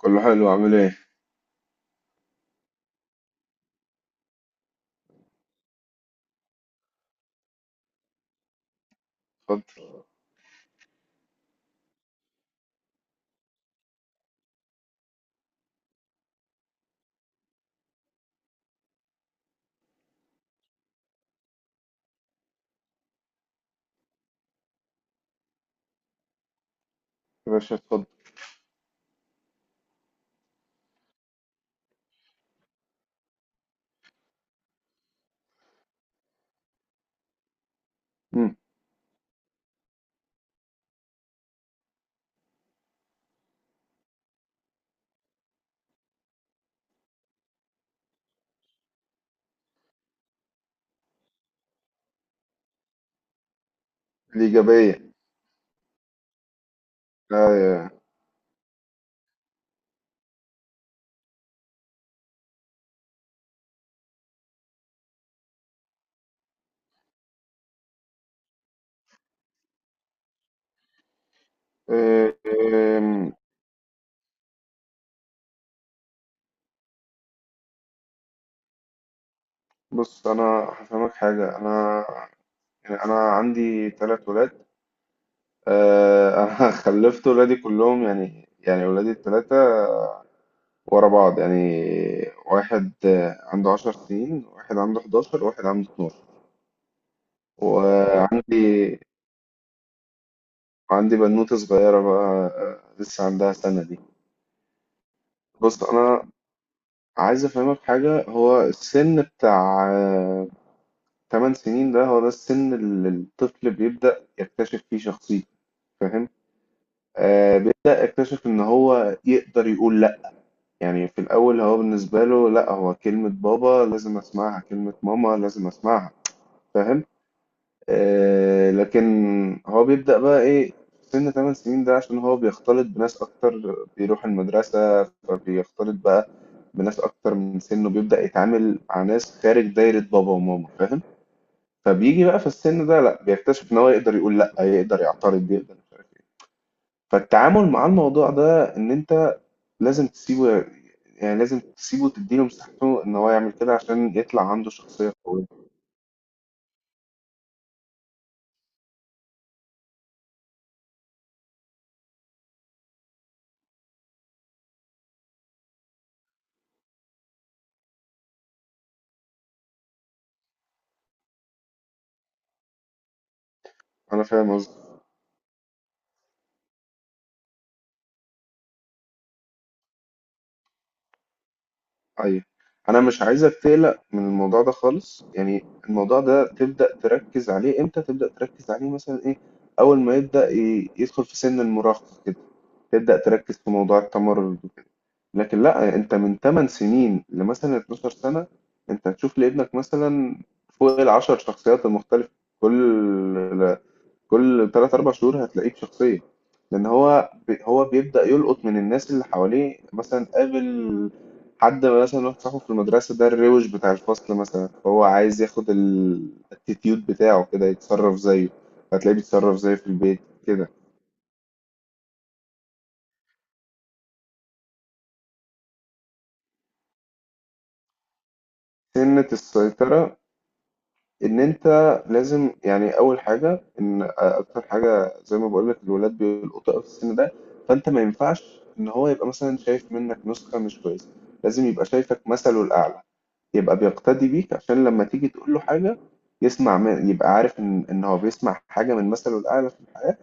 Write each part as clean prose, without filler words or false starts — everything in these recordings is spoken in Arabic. كله حلو عامل ايه؟ اتفضل. يا باشا اتفضل. مم. الإيجابية. لا يا. إيه إيه. بص أنا هفهمك حاجة. أنا يعني أنا عندي تلات ولاد. أنا خلفت ولادي كلهم يعني ولادي التلاتة ورا بعض يعني. واحد عنده 10 سنين، واحد عنده 11، واحد عنده 12. وعندي بنوتة صغيرة بقى، لسه عندها سنة دي. بص أنا عايز افهمك حاجة، هو السن بتاع 8 سنين ده هو ده السن اللي الطفل بيبدأ يكتشف فيه شخصيته. فاهم؟ آه، بيبدأ يكتشف ان هو يقدر يقول لا. يعني في الاول هو بالنسبة له لا، هو كلمة بابا لازم اسمعها، كلمة ماما لازم اسمعها. فاهم؟ آه، لكن هو بيبدأ بقى ايه في سن 8 سنين ده؟ عشان هو بيختلط بناس اكتر، بيروح المدرسة، بيختلط بقى بناس اكتر من سنه، بيبدأ يتعامل مع ناس خارج دايرة بابا وماما. فاهم؟ فبيجي بقى في السن ده، لا، بيكتشف ان هو يقدر يقول لا، يقدر يعترض، يقدر مش عارف ايه. فالتعامل مع الموضوع ده ان انت لازم تسيبه. يعني لازم تسيبه وتديله مساحته ان هو يعمل كده عشان يطلع عنده شخصية قوية. انا فاهم قصدي. ايوه، انا مش عايزك تقلق من الموضوع ده خالص. يعني الموضوع ده تبدأ تركز عليه امتى؟ تبدأ تركز عليه مثلا ايه، اول ما يبدأ يدخل في سن المراهقة كده، تبدأ تركز في موضوع التمرد وكده. لكن لا، انت من 8 سنين لمثلا 12 سنة انت هتشوف لابنك مثلا فوق العشر شخصيات المختلفة. كل كل 3 4 شهور هتلاقيه بشخصية، لأن هو هو بيبدأ يلقط من الناس اللي حواليه. مثلا قابل حد مثلا، واحد صاحبه في المدرسة ده الروش بتاع الفصل مثلا، فهو عايز ياخد الاتيتيود بتاعه كده، يتصرف زيه. هتلاقيه بيتصرف زيه في البيت كده. سنة السيطرة إن أنت لازم، يعني أول حاجة إن أكتر حاجة زي ما بقولك الولاد بيلقطوا أوي في السن ده. فأنت ما ينفعش إن هو يبقى مثلا شايف منك نسخة مش كويسة. لازم يبقى شايفك مثله الأعلى، يبقى بيقتدي بيك، عشان لما تيجي تقول له حاجة يسمع من، يبقى عارف ان هو بيسمع حاجة من مثله الأعلى في الحياة.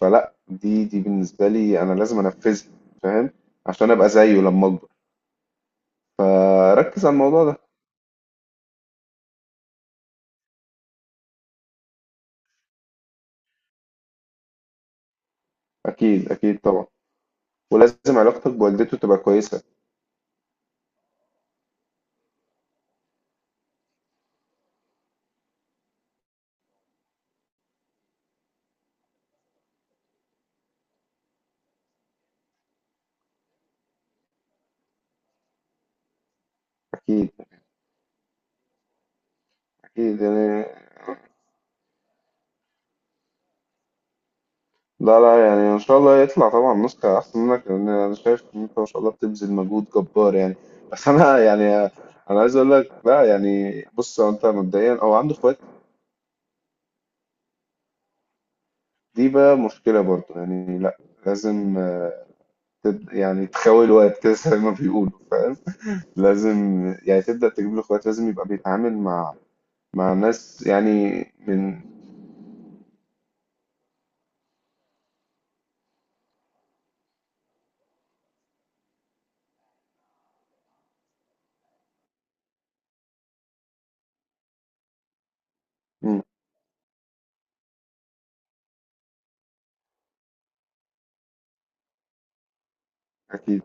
فلا دي بالنسبة لي انا لازم انفذها. فاهم؟ عشان ابقى زيه لما اكبر. ركز على الموضوع ده. اكيد اكيد طبعا. ولازم علاقتك بوالدته تبقى كويسة. اكيد اكيد يعني. لا لا يعني ان شاء الله يطلع طبعا نسخة احسن منك، لان انا شايف ان انت ما شاء الله بتبذل مجهود جبار يعني. بس انا يعني انا عايز اقول لك لا. يعني بص، هو انت مبدئيا او عنده اخوات؟ دي بقى مشكلة برضو يعني. لأ، لازم تبدأ يعني تخاوي الوقت كده زي ما بيقولوا. فاهم؟ لازم يعني تبدأ تجيب له اخوات، لازم يبقى بيتعامل مع ناس يعني. من مم، أكيد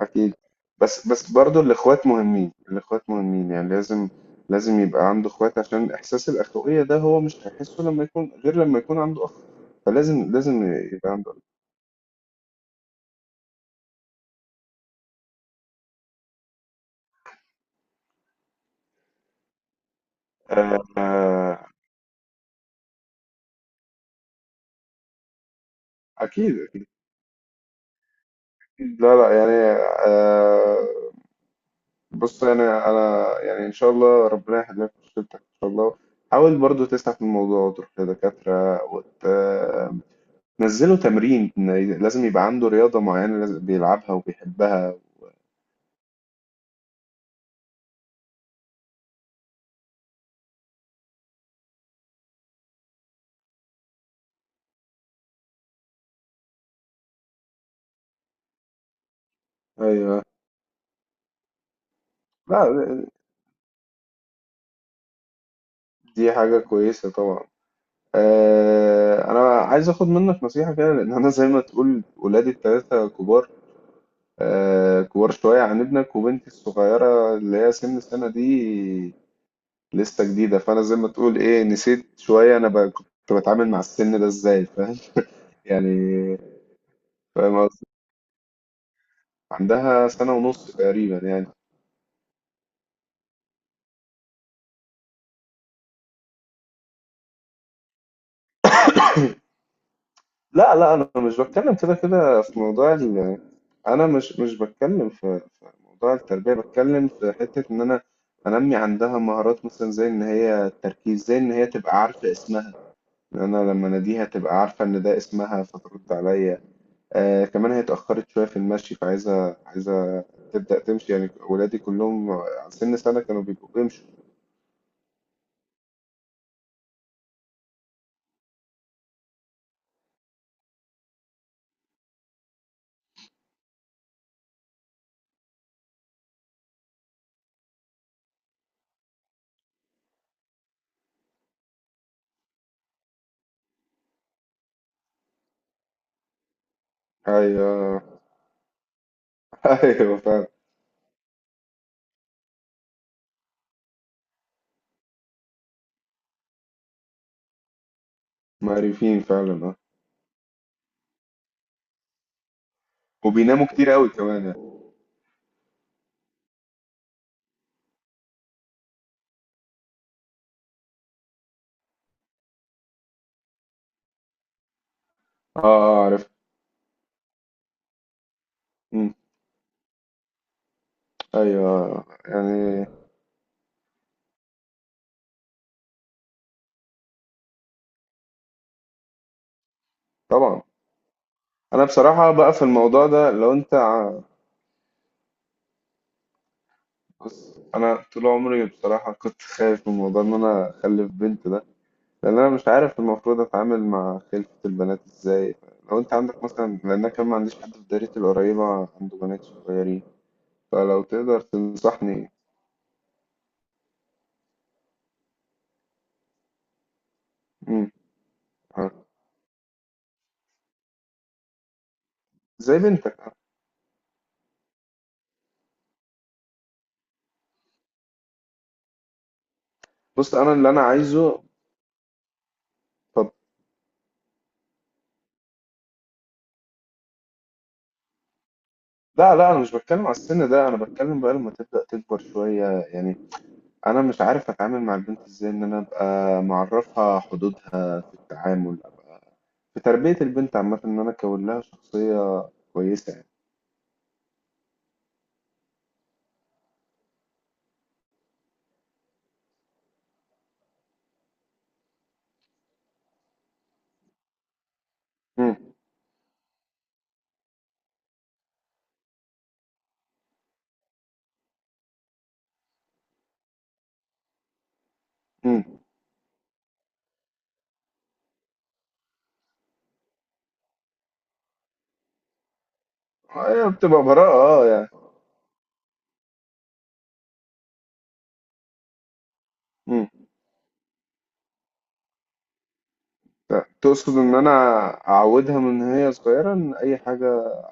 أكيد. بس بس برضو الإخوات مهمين، الإخوات مهمين يعني. لازم لازم يبقى عنده إخوات عشان إحساس الأخوية ده هو مش هيحسه لما يكون غير لما يكون عنده أخ. فلازم لازم يبقى عنده. آه، آه، أكيد أكيد. لا لا يعني. آه، بص انا يعني ان شاء الله ربنا يحل لك مشكلتك ان شاء الله. حاول برضو تسعى في الموضوع وتروح لدكاترة وتنزله تمرين. لازم يبقى عنده رياضة معينة لازم بيلعبها وبيحبها. ايوه. لا، دي حاجة كويسة طبعا. آه، أنا عايز أخد منك نصيحة كده لأن أنا زي ما تقول ولادي التلاتة كبار. آه، كبار شوية عن ابنك، وبنتي الصغيرة اللي هي سن السنة دي لسه جديدة. فأنا زي ما تقول إيه، نسيت شوية أنا كنت بتعامل مع السن ده إزاي. فاهم يعني؟ فاهم قصدي؟ عندها سنة ونص تقريبا يعني. لا لا، أنا مش بتكلم كده كده في موضوع ال... أنا مش بتكلم في موضوع التربية، بتكلم في حتة إن أنا أنمي عندها مهارات مثلا زي إن هي التركيز، زي إن هي تبقى عارفة اسمها، إن أنا لما أناديها تبقى عارفة إن ده اسمها فترد عليا. آه، كمان هي اتأخرت شوية في المشي، فعايزة عايزة تبدأ تمشي. يعني ولادي كلهم على سن سنة كانوا بيبقوا بيمشوا. أيوه. أيوه فعلا. معرفين فعلا، اه. وبيناموا كتير قوي كمان يعني. اه اه عرفت. مم. أيوه يعني. طبعا. أنا بصراحة بقى في الموضوع ده لو أنت بص أنا طول عمري بصراحة كنت خايف من موضوع إن أنا أخلف بنت ده. لان انا مش عارف المفروض اتعامل مع خلفة البنات ازاي. لو انت عندك مثلا، لان انا كمان ما عنديش حد في دايرتي القريبة عنده بنات صغيرين، فلو تقدر تنصحني. امم. آه. زي بنتك. بص انا اللي انا عايزه، طب لا لا، انا مش بتكلم على السن ده، انا بتكلم بقى لما تبدأ تكبر شوية. يعني انا مش عارف اتعامل مع البنت ازاي، ان انا ابقى معرفها حدودها في التعامل، في تربية البنت عامة ان انا اكون لها شخصية كويسة يعني. امم امم هي بتبقى براءة، اه يعني. إمم. ت تقصد إن أنا أعوّدها من هي صغيرة إن أي حاجة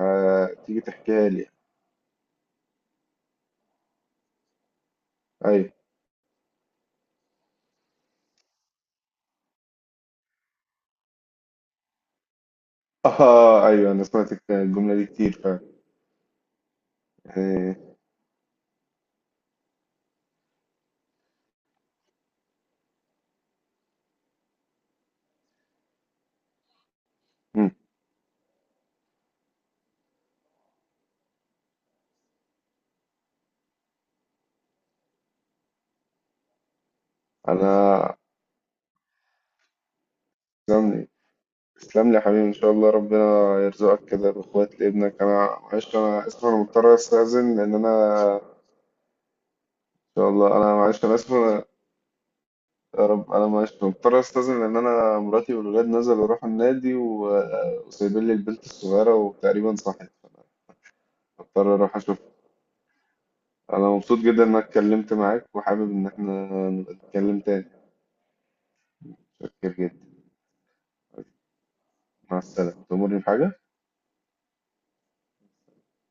تيجي تحكيها لي؟ أيوه. آه، أيوه أنا سمعت الك الجملة دي كتير فعلًا. آآ إمم. أنا تسلم لي، تسلم لي يا حبيبي، إن شاء الله ربنا يرزقك كده بإخوات لابنك. أنا معلش، أنا آسف، أنا مضطر أستأذن لإن أنا، إن شاء الله. أنا معلش أنا آسف أنا، يا رب، أنا معلش مضطر أستأذن لإن أنا مراتي والولاد نزلوا راحوا النادي، وسايبين لي البنت الصغيرة وتقريبًا صحيت، هاضطر أروح أشوفها. انا مبسوط جدا انك اتكلمت معاك، وحابب ان احنا نبقى نتكلم تاني. متشكر جدا. مع السلامة. تأمرني بحاجة.